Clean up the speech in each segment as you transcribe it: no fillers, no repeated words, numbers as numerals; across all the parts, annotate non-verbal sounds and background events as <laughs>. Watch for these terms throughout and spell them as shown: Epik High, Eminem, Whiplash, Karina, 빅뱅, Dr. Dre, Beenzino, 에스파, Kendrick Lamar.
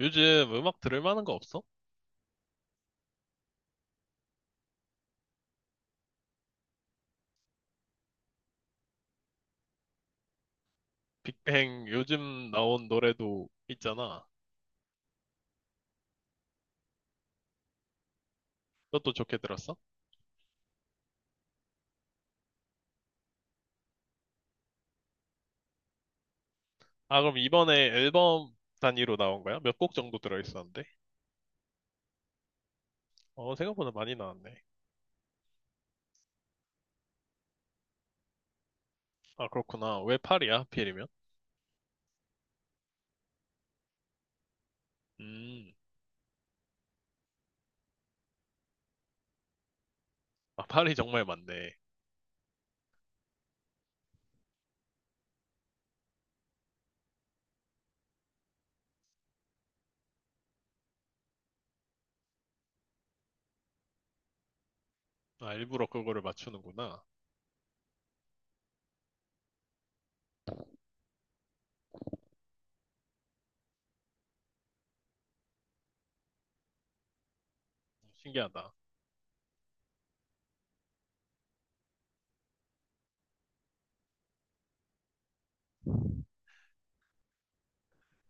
요즘 음악 들을 만한 거 없어? 빅뱅 요즘 나온 노래도 있잖아. 그것도 좋게 들었어? 아, 그럼 이번에 앨범 단위로 나온 거야? 몇 곡 정도 들어있었는데? 어, 생각보다 많이 나왔네. 아, 그렇구나. 왜 파리야, 하필이면? 음, 아, 파리 정말 많네. 아, 일부러 그거를 맞추는구나. 신기하다.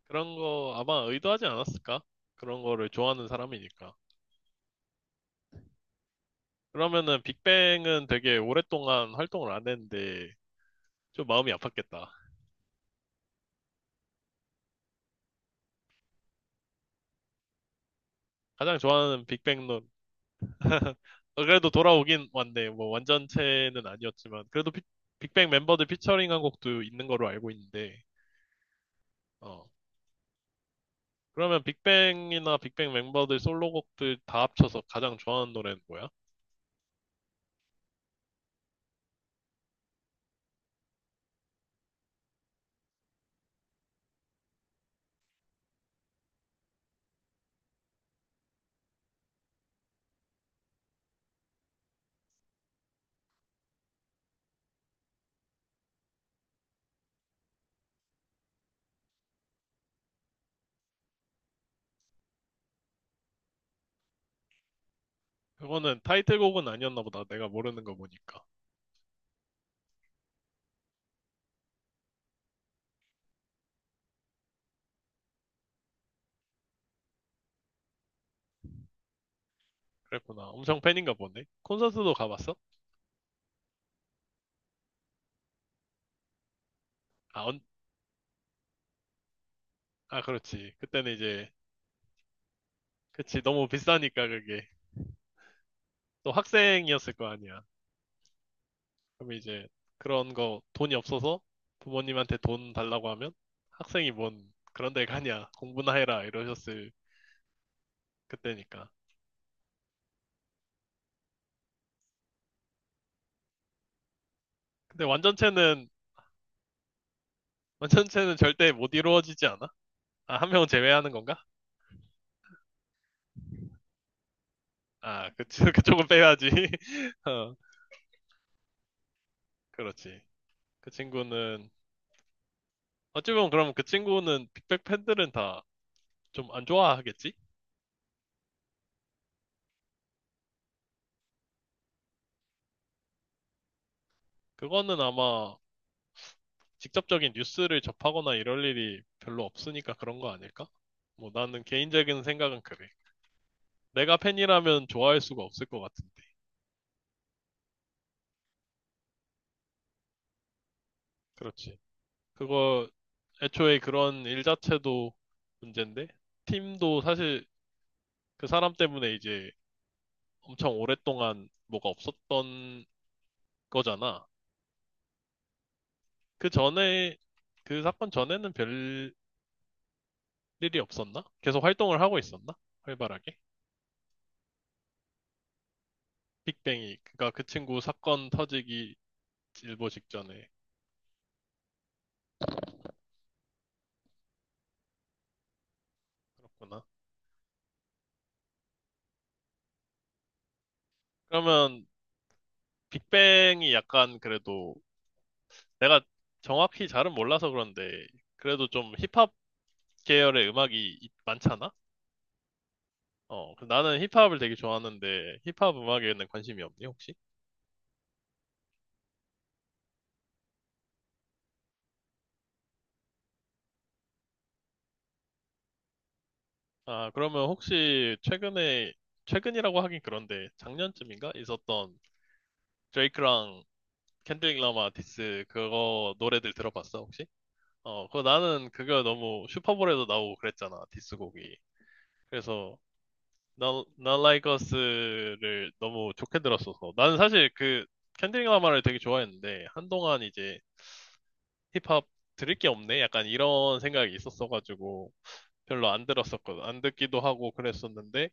그런 거 아마 의도하지 않았을까? 그런 거를 좋아하는 사람이니까. 그러면은 빅뱅은 되게 오랫동안 활동을 안 했는데 좀 마음이 아팠겠다. 가장 좋아하는 빅뱅 노 어, 그래도 돌아오긴 왔네. 뭐 완전체는 아니었지만 그래도 빅뱅 멤버들 피처링한 곡도 있는 거로 알고 있는데. 어. 그러면 빅뱅이나 빅뱅 멤버들 솔로곡들 다 합쳐서 가장 좋아하는 노래는 뭐야? 그거는 타이틀곡은 아니었나 보다. 내가 모르는 거 보니까. 그랬구나. 엄청 팬인가 보네. 콘서트도 가봤어? 아, 아, 그렇지. 그때는 이제, 그치. 너무 비싸니까 그게. 또 학생이었을 거 아니야. 그럼 이제 그런 거 돈이 없어서 부모님한테 돈 달라고 하면 학생이 뭔 그런 데 가냐 공부나 해라 이러셨을 그때니까. 근데 완전체는 완전체는 절대 못 이루어지지 않아? 아, 한 명은 제외하는 건가? 아, 그, <laughs> 그쪽은 빼야지. <laughs> 어, 그렇지. 그 친구는 어찌 보면 그럼 그 친구는 빅뱅 팬들은 다 좀 안 좋아하겠지? 그거는 아마 직접적인 뉴스를 접하거나 이럴 일이 별로 없으니까 그런 거 아닐까? 뭐 나는 개인적인 생각은 그래. 내가 팬이라면 좋아할 수가 없을 것 같은데. 그렇지. 그거 애초에 그런 일 자체도 문제인데 팀도 사실 그 사람 때문에 이제 엄청 오랫동안 뭐가 없었던 거잖아. 그 전에 그 사건 전에는 별 일이 없었나? 계속 활동을 하고 있었나? 활발하게? 빅뱅이 그니까 그 친구 사건 터지기 일보 직전에 그렇구나. 그러면 빅뱅이 약간 그래도 내가 정확히 잘은 몰라서 그런데 그래도 좀 힙합 계열의 음악이 많잖아? 어, 그래서 나는 힙합을 되게 좋아하는데 힙합 음악에는 관심이 없니 혹시? 아, 그러면 혹시 최근에 최근이라고 하긴 그런데 작년쯤인가 있었던 드레이크랑 켄드릭 라마 디스 그거 노래들 들어봤어 혹시? 어, 그거 나는 그거 너무 슈퍼볼에도 나오고 그랬잖아 디스곡이. 그래서 넌 라이커스를 너무 좋게 들었어서. 나는 사실 그 켄드릭 라마를 되게 좋아했는데, 한동안 이제 힙합 들을 게 없네? 약간 이런 생각이 있었어가지고, 별로 안 들었었거든. 안 듣기도 하고 그랬었는데,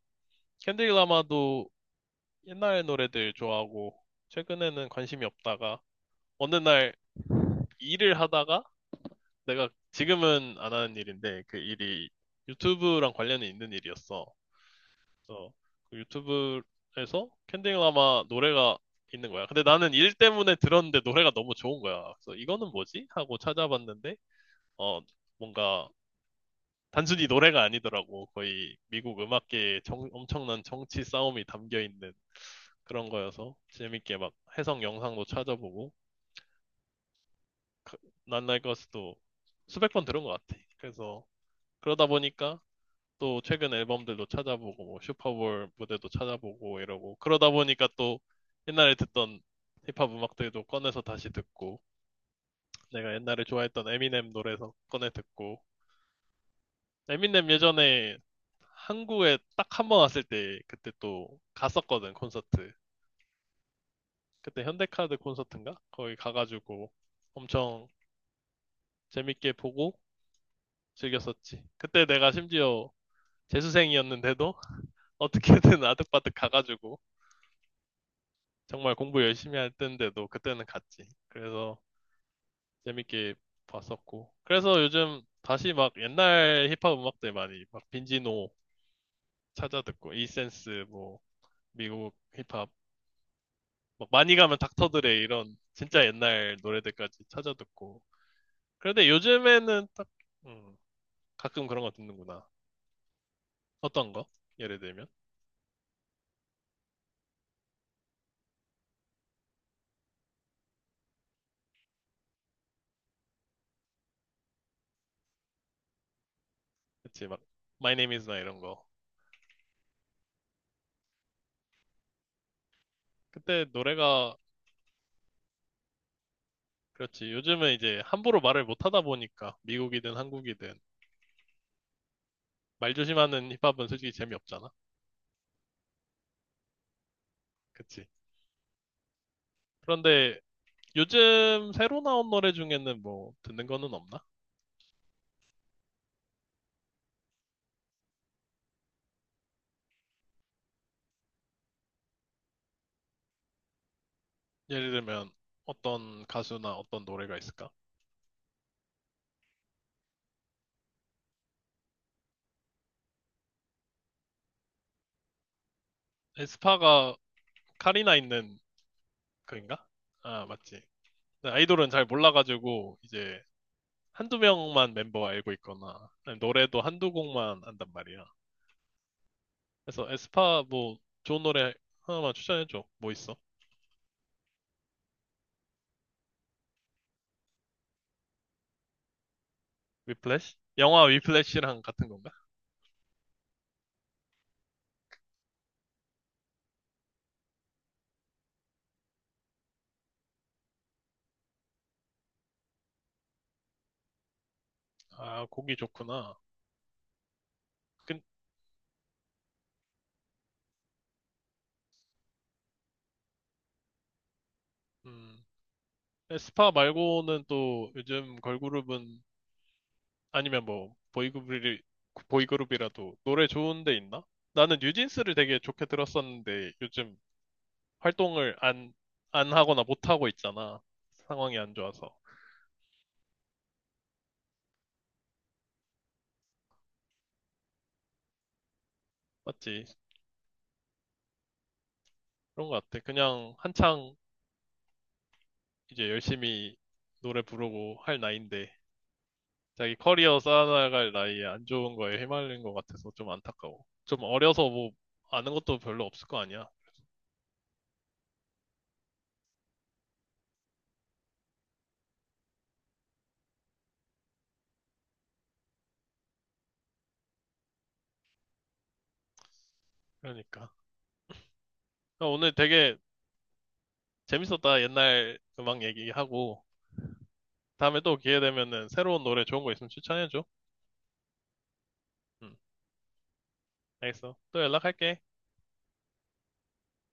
켄드릭 라마도 옛날 노래들 좋아하고, 최근에는 관심이 없다가, 어느 날 일을 하다가, 내가 지금은 안 하는 일인데, 그 일이 유튜브랑 관련이 있는 일이었어. 그래서 그 유튜브에서 캔디라마 노래가 있는 거야. 근데 나는 일 때문에 들었는데 노래가 너무 좋은 거야. 그래서 이거는 뭐지? 하고 찾아봤는데 어 뭔가 단순히 노래가 아니더라고. 거의 미국 음악계의 엄청난 정치 싸움이 담겨 있는 그런 거여서 재밌게 막 해석 영상도 찾아보고 그- 난날 것도 수백 번 들은 것 같아. 그래서 그러다 보니까 또 최근 앨범들도 찾아보고 뭐 슈퍼볼 무대도 찾아보고 이러고 그러다 보니까 또 옛날에 듣던 힙합 음악들도 꺼내서 다시 듣고 내가 옛날에 좋아했던 에미넴 노래에서 꺼내 듣고 에미넴 예전에 한국에 딱 한 번 왔을 때 그때 또 갔었거든 콘서트 그때 현대카드 콘서트인가 거기 가가지고 엄청 재밌게 보고 즐겼었지 그때 내가 심지어 재수생이었는데도 <laughs> 어떻게든 아득바득 가가지고 정말 공부 열심히 할 때인데도 그때는 갔지. 그래서 재밌게 봤었고. 그래서 요즘 다시 막 옛날 힙합 음악들 많이 막 빈지노 찾아 듣고 이센스 뭐 미국 힙합 막 많이 가면 닥터드레 이런 진짜 옛날 노래들까지 찾아 듣고. 그런데 요즘에는 딱 음, 가끔 그런 거 듣는구나. 어떤 거? 예를 들면 그치 막 My Name Is나 이런 거. 그때 노래가 그렇지. 요즘은 이제 함부로 말을 못 하다 보니까 미국이든 한국이든 말 조심하는 힙합은 솔직히 재미없잖아. 그치? 그런데 요즘 새로 나온 노래 중에는 뭐 듣는 거는 없나? 예를 들면 어떤 가수나 어떤 노래가 있을까? 에스파가 카리나 있는 그인가? 아, 맞지. 네, 아이돌은 잘 몰라가지고 이제 한두 명만 멤버 알고 있거나 아니, 노래도 한두 곡만 안단 말이야. 그래서 에스파 뭐 좋은 노래 하나만 추천해줘. 뭐 있어? 위플래시? 영화 위플래시랑 같은 건가? 아, 곡이 좋구나. 근- 음, 에스파 말고는 또 요즘 걸그룹은 아니면 뭐 보이그룹이 보이그룹이라도 노래 좋은 데 있나? 나는 뉴진스를 되게 좋게 들었었는데 요즘 활동을 안 하거나 못 하고 있잖아. 상황이 안 좋아서. 맞지? 그런 것 같아. 그냥 한창 이제 열심히 노래 부르고 할 나이인데 자기 커리어 쌓아나갈 나이에 안 좋은 거에 휘말린 것 같아서 좀 안타까워. 좀 어려서 뭐 아는 것도 별로 없을 거 아니야. 그러니까. 나 오늘 되게 재밌었다. 옛날 음악 얘기하고. 다음에 또 기회 되면은 새로운 노래 좋은 거 있으면 추천해줘. 응, 알겠어. 또 연락할게.